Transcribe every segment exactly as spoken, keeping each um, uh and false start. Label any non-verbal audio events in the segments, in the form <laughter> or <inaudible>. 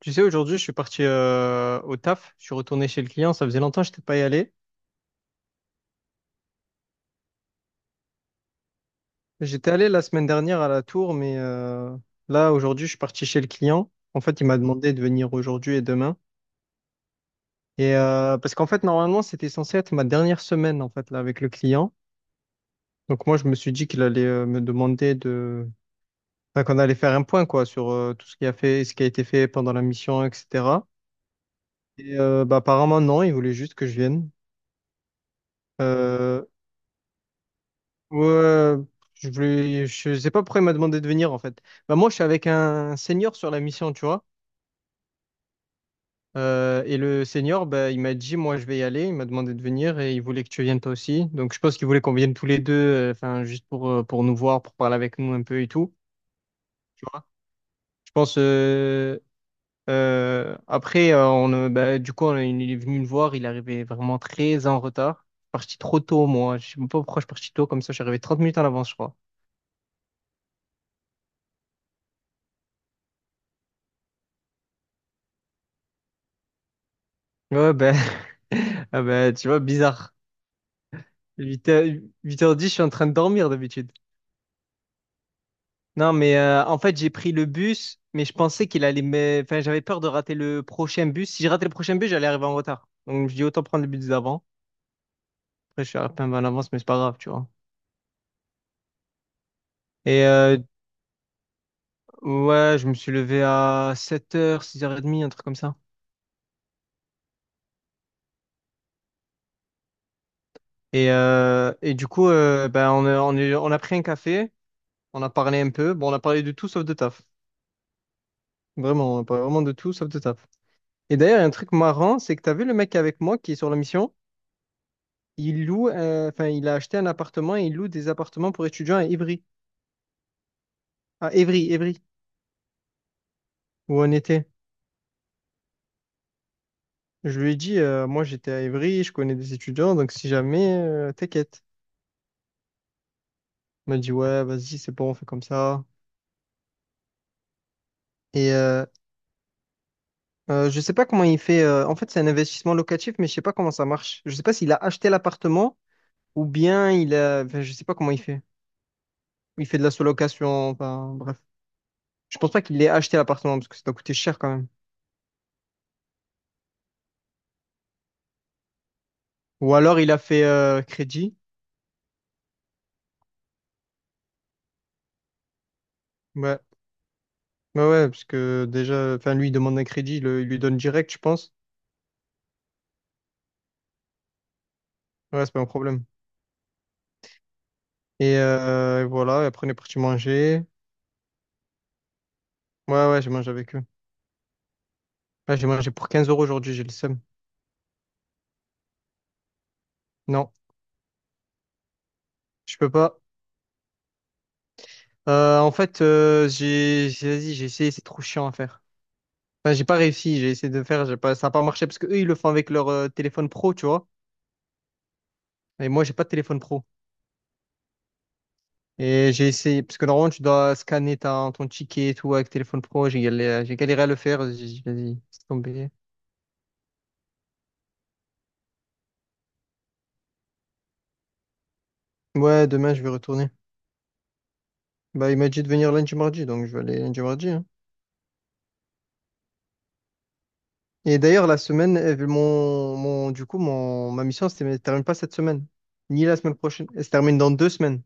Tu sais, aujourd'hui, je suis parti euh, au taf. Je suis retourné chez le client. Ça faisait longtemps que je n'étais pas y allé. J'étais allé la semaine dernière à la tour, mais euh, là, aujourd'hui, je suis parti chez le client. En fait, il m'a demandé de venir aujourd'hui et demain. Et euh, parce qu'en fait, normalement, c'était censé être ma dernière semaine en fait là avec le client. Donc moi, je me suis dit qu'il allait euh, me demander de, enfin, qu'on allait faire un point quoi sur euh, tout ce qui a fait, ce qui a été fait pendant la mission, et cetera. Et euh, bah, apparemment non, il voulait juste que je vienne. Euh, Ouais, je voulais, je sais pas pourquoi il m'a demandé de venir en fait. Bah moi je suis avec un senior sur la mission, tu vois. Euh, et le senior, bah, il m'a dit moi je vais y aller. Il m'a demandé de venir et il voulait que tu viennes toi aussi. Donc je pense qu'il voulait qu'on vienne tous les deux, euh, enfin juste pour euh, pour nous voir, pour parler avec nous un peu et tout. Tu vois. Je pense. euh, euh, après euh, on, euh, bah, du coup on- il est venu me voir. Il arrivait vraiment très en retard. Je suis parti trop tôt moi. Je sais même pas pourquoi je suis parti tôt comme ça. Je suis arrivé trente minutes en avance, je crois. Ouais, ben, <laughs> ah ben, tu vois, bizarre. Huit heures, huit heures dix je suis en train de dormir d'habitude. Non, mais euh, en fait, j'ai pris le bus, mais je pensais qu'il allait me... Enfin, j'avais peur de rater le prochain bus. Si je ratais le prochain bus, j'allais arriver en retard. Donc, je dis autant prendre le bus d'avant. Après, je suis un peu en avance, mais c'est pas grave, tu vois. Et euh, ouais, je me suis levé à sept heures, six heures trente, un truc comme ça. Et, euh, et du coup, euh, ben, on a, on a- on a pris un café, on a parlé un peu. Bon, on a parlé de tout sauf de taf. Vraiment, on a parlé vraiment de tout sauf de taf. Et d'ailleurs, il y a un truc marrant, c'est que t'as vu le mec avec moi qui est sur la mission? Il loue, euh, enfin, il a acheté un appartement et il loue des appartements pour étudiants à Ivry. À Évry, Évry, où on était. Je lui ai dit, euh, moi j'étais à Évry, je connais des étudiants, donc si jamais, euh, t'inquiète. Il m'a dit, ouais, vas-y, c'est bon, on fait comme ça. Et euh, euh, je sais pas comment il fait. euh, en fait, c'est un investissement locatif, mais je sais pas comment ça marche. Je sais pas s'il a acheté l'appartement ou bien il a. Enfin, je sais pas comment il fait. Il fait de la sous-location, enfin, bref. Je pense pas qu'il ait acheté l'appartement parce que ça doit coûter cher quand même. Ou alors il a fait euh, crédit. Ouais. Ouais, ouais, parce que déjà, enfin, lui, il demande un crédit, il, le- il lui donne direct, je pense. Ouais, c'est pas un problème. Et euh, et voilà, et après, on est parti manger. Ouais, ouais, j'ai mangé avec eux. Ouais, j'ai mangé pour quinze euros aujourd'hui, j'ai le seum. Non, je peux pas. Euh, en fait, euh, j'ai, j'ai, vas-y, j'ai essayé, c'est trop chiant à faire. Enfin, j'ai pas réussi, j'ai essayé de faire, j'ai pas, ça a pas marché parce que eux, ils le font avec leur euh, téléphone pro, tu vois. Et moi, j'ai pas de téléphone pro. Et j'ai essayé, parce que normalement, tu dois scanner ta, ton ticket et tout avec téléphone pro. J'ai galéré, j'ai galéré à le faire. J'ai dit, vas-y, c'est tombé. Ouais, demain, je vais retourner. Bah, il m'a dit de venir lundi, mardi, donc je vais aller lundi, mardi, hein. Et d'ailleurs, la semaine, elle- mon, mon, du coup, mon, ma mission, c'était- elle ne termine pas cette semaine, ni la semaine prochaine. Elle se termine dans deux semaines.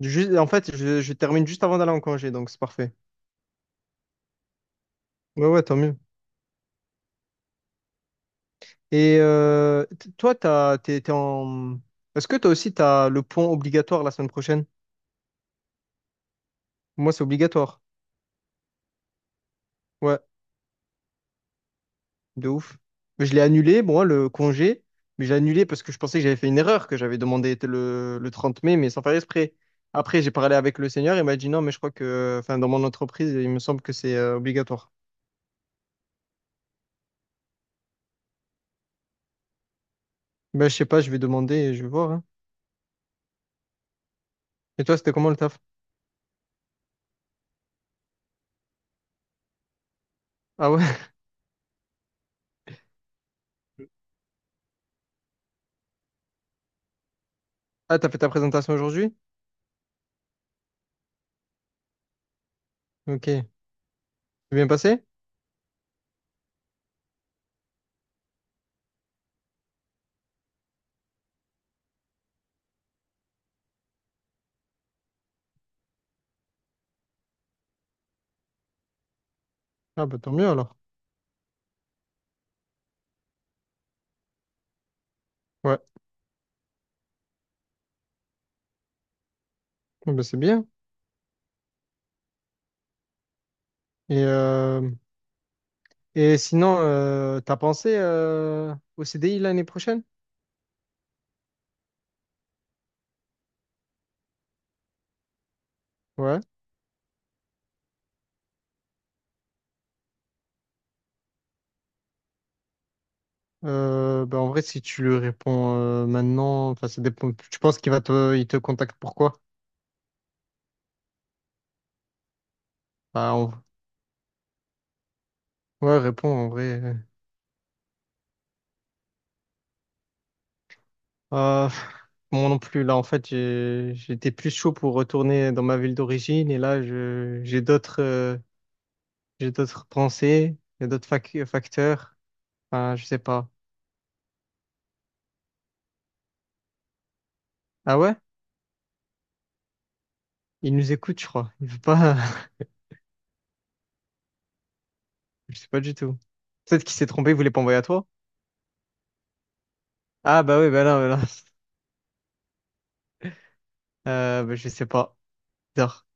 Juste, en fait, je, je termine juste avant d'aller en congé, donc c'est parfait. Ouais, ouais, tant mieux. Et euh, t- toi, t'as, t'es, t'es en... Est-ce que toi aussi, t'as le point obligatoire la semaine prochaine? Moi, c'est obligatoire. Ouais. De ouf. Mais je l'ai annulé, moi, le congé. Mais j'ai annulé parce que je pensais que j'avais fait une erreur, que j'avais demandé le, le trente mai, mais sans faire exprès. Après, j'ai parlé avec le seigneur, il m'a dit non, mais je crois que, enfin, dans mon entreprise, il me semble que c'est euh, obligatoire. Ben, je sais pas, je vais demander et je vais voir, hein. Et toi, c'était comment le taf? Ah ouais? <laughs> Ah, t'as fait ta présentation aujourd'hui? Ok. C'est bien passé? Ah, bah tant mieux alors. Ouais. Ah, bah, c'est bien. Et, euh, et sinon, euh, t'as pensé euh, au C D I l'année prochaine? Ouais. Euh, bah, en vrai, si tu lui réponds euh, maintenant, enfin, ça dépend. Tu penses qu'il va te, il te contacte pourquoi? Bah, en- ouais, réponds en vrai. Euh, <sighs> moi non plus. Là, en fait, j'ai- j'étais plus chaud pour retourner dans ma ville d'origine et là, je, j'ai d'autres, euh, j'ai d'autres pensées, j'ai d'autres fac- facteurs. Enfin, je sais pas. Ah ouais? Il nous écoute, je crois. Il veut pas. <laughs> Je sais pas du tout. Peut-être qu'il s'est trompé, il voulait pas envoyer à toi. Ah bah oui, bah là, bah là. Euh, bah, je sais pas. Bizarre.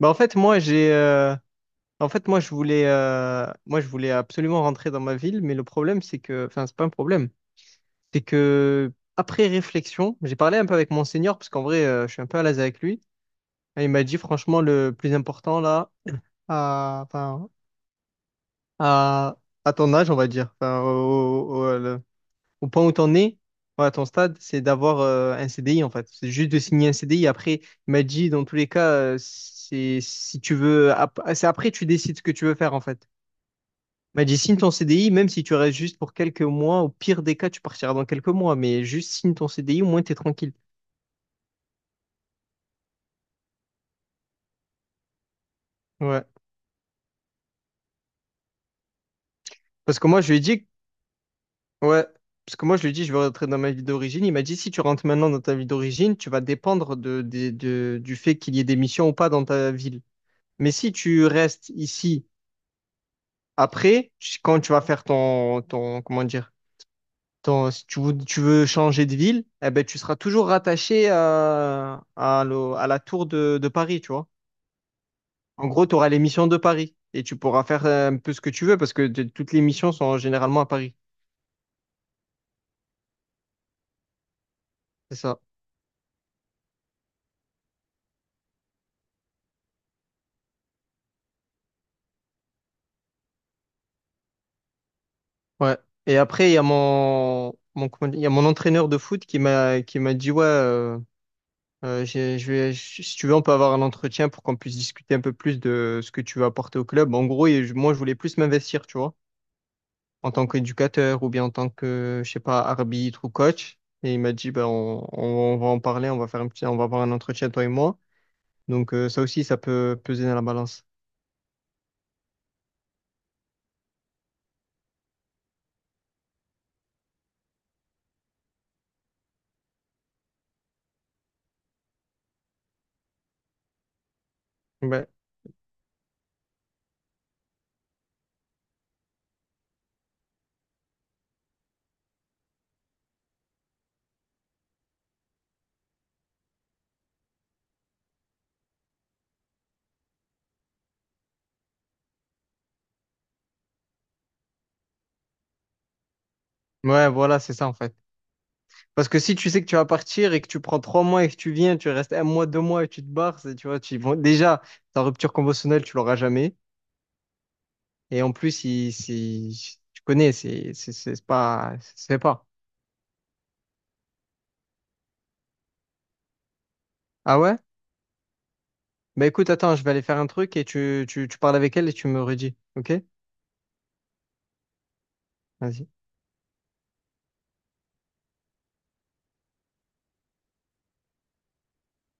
Bah en fait, moi j'ai euh, En fait, moi, je voulais, euh, moi, je voulais absolument rentrer dans ma ville, mais le problème, c'est que, enfin, c'est pas un problème, c'est que après réflexion, j'ai parlé un peu avec mon senior parce qu'en vrai, euh, je suis un peu à l'aise avec lui. Et il m'a dit, franchement, le plus important là, à, enfin, à, à ton âge, on va dire, enfin, au, au- au- le- au point où t'en es, ouais, à ton stade, c'est d'avoir euh, un C D I en fait. C'est juste de signer un C D I. Après, il m'a dit, dans tous les cas, euh, c'est si tu veux, ap- c'est après tu décides ce que tu veux faire en fait. M'a dit, signe ton C D I, même si tu restes juste pour quelques mois, au pire des cas, tu partiras dans quelques mois, mais juste signe ton C D I, au moins t'es tranquille. Ouais. Parce que moi, je lui ai dit, ouais, parce que moi, je lui ai dit, je vais rentrer dans ma vie d'origine. Il m'a dit, si tu rentres maintenant dans ta vie d'origine, tu vas dépendre de, des- de- du fait qu'il y ait des missions ou pas dans ta ville. Mais si tu restes ici après, tu- quand tu vas faire ton, ton, comment dire, ton, si tu veux, tu veux changer de ville, eh ben, tu seras toujours rattaché à, à, l'eau- à la tour de, de Paris, tu vois. En gros, tu auras les missions de Paris et tu pourras faire euh, un peu ce que tu veux parce que t- toutes les missions sont généralement à Paris. C'est ça. Ouais. Et après, il y a mon, mon, comment dire, il y a mon entraîneur de foot qui m'a qui m'a dit, ouais, euh, euh, j'ai- je vais, je- si tu veux, on peut avoir un entretien pour qu'on puisse discuter un peu plus de ce que tu veux apporter au club. En gros, et je- moi, je voulais plus m'investir, tu vois, en tant qu'éducateur ou bien en tant que, je sais pas, arbitre ou coach. Et il m'a dit, ben, on, on, on va en parler, on va faire un petit, on va avoir un entretien, toi et moi. Donc, euh, ça aussi, ça peut peser dans la balance. Ouais, ouais, voilà, c'est ça en fait. Parce que si tu sais que tu vas partir et que tu prends trois mois et que tu viens, tu restes un mois, deux mois et tu te barres, c'est- tu vois, tu, bon, déjà, ta rupture conventionnelle, tu l'auras jamais. Et en plus, il, si si, tu connais, c'est c'est- c'est pas. C'est pas. Ah ouais? Bah écoute, attends, je vais aller faire un truc et tu, tu, tu parles avec elle et tu me redis. Ok? Vas-y.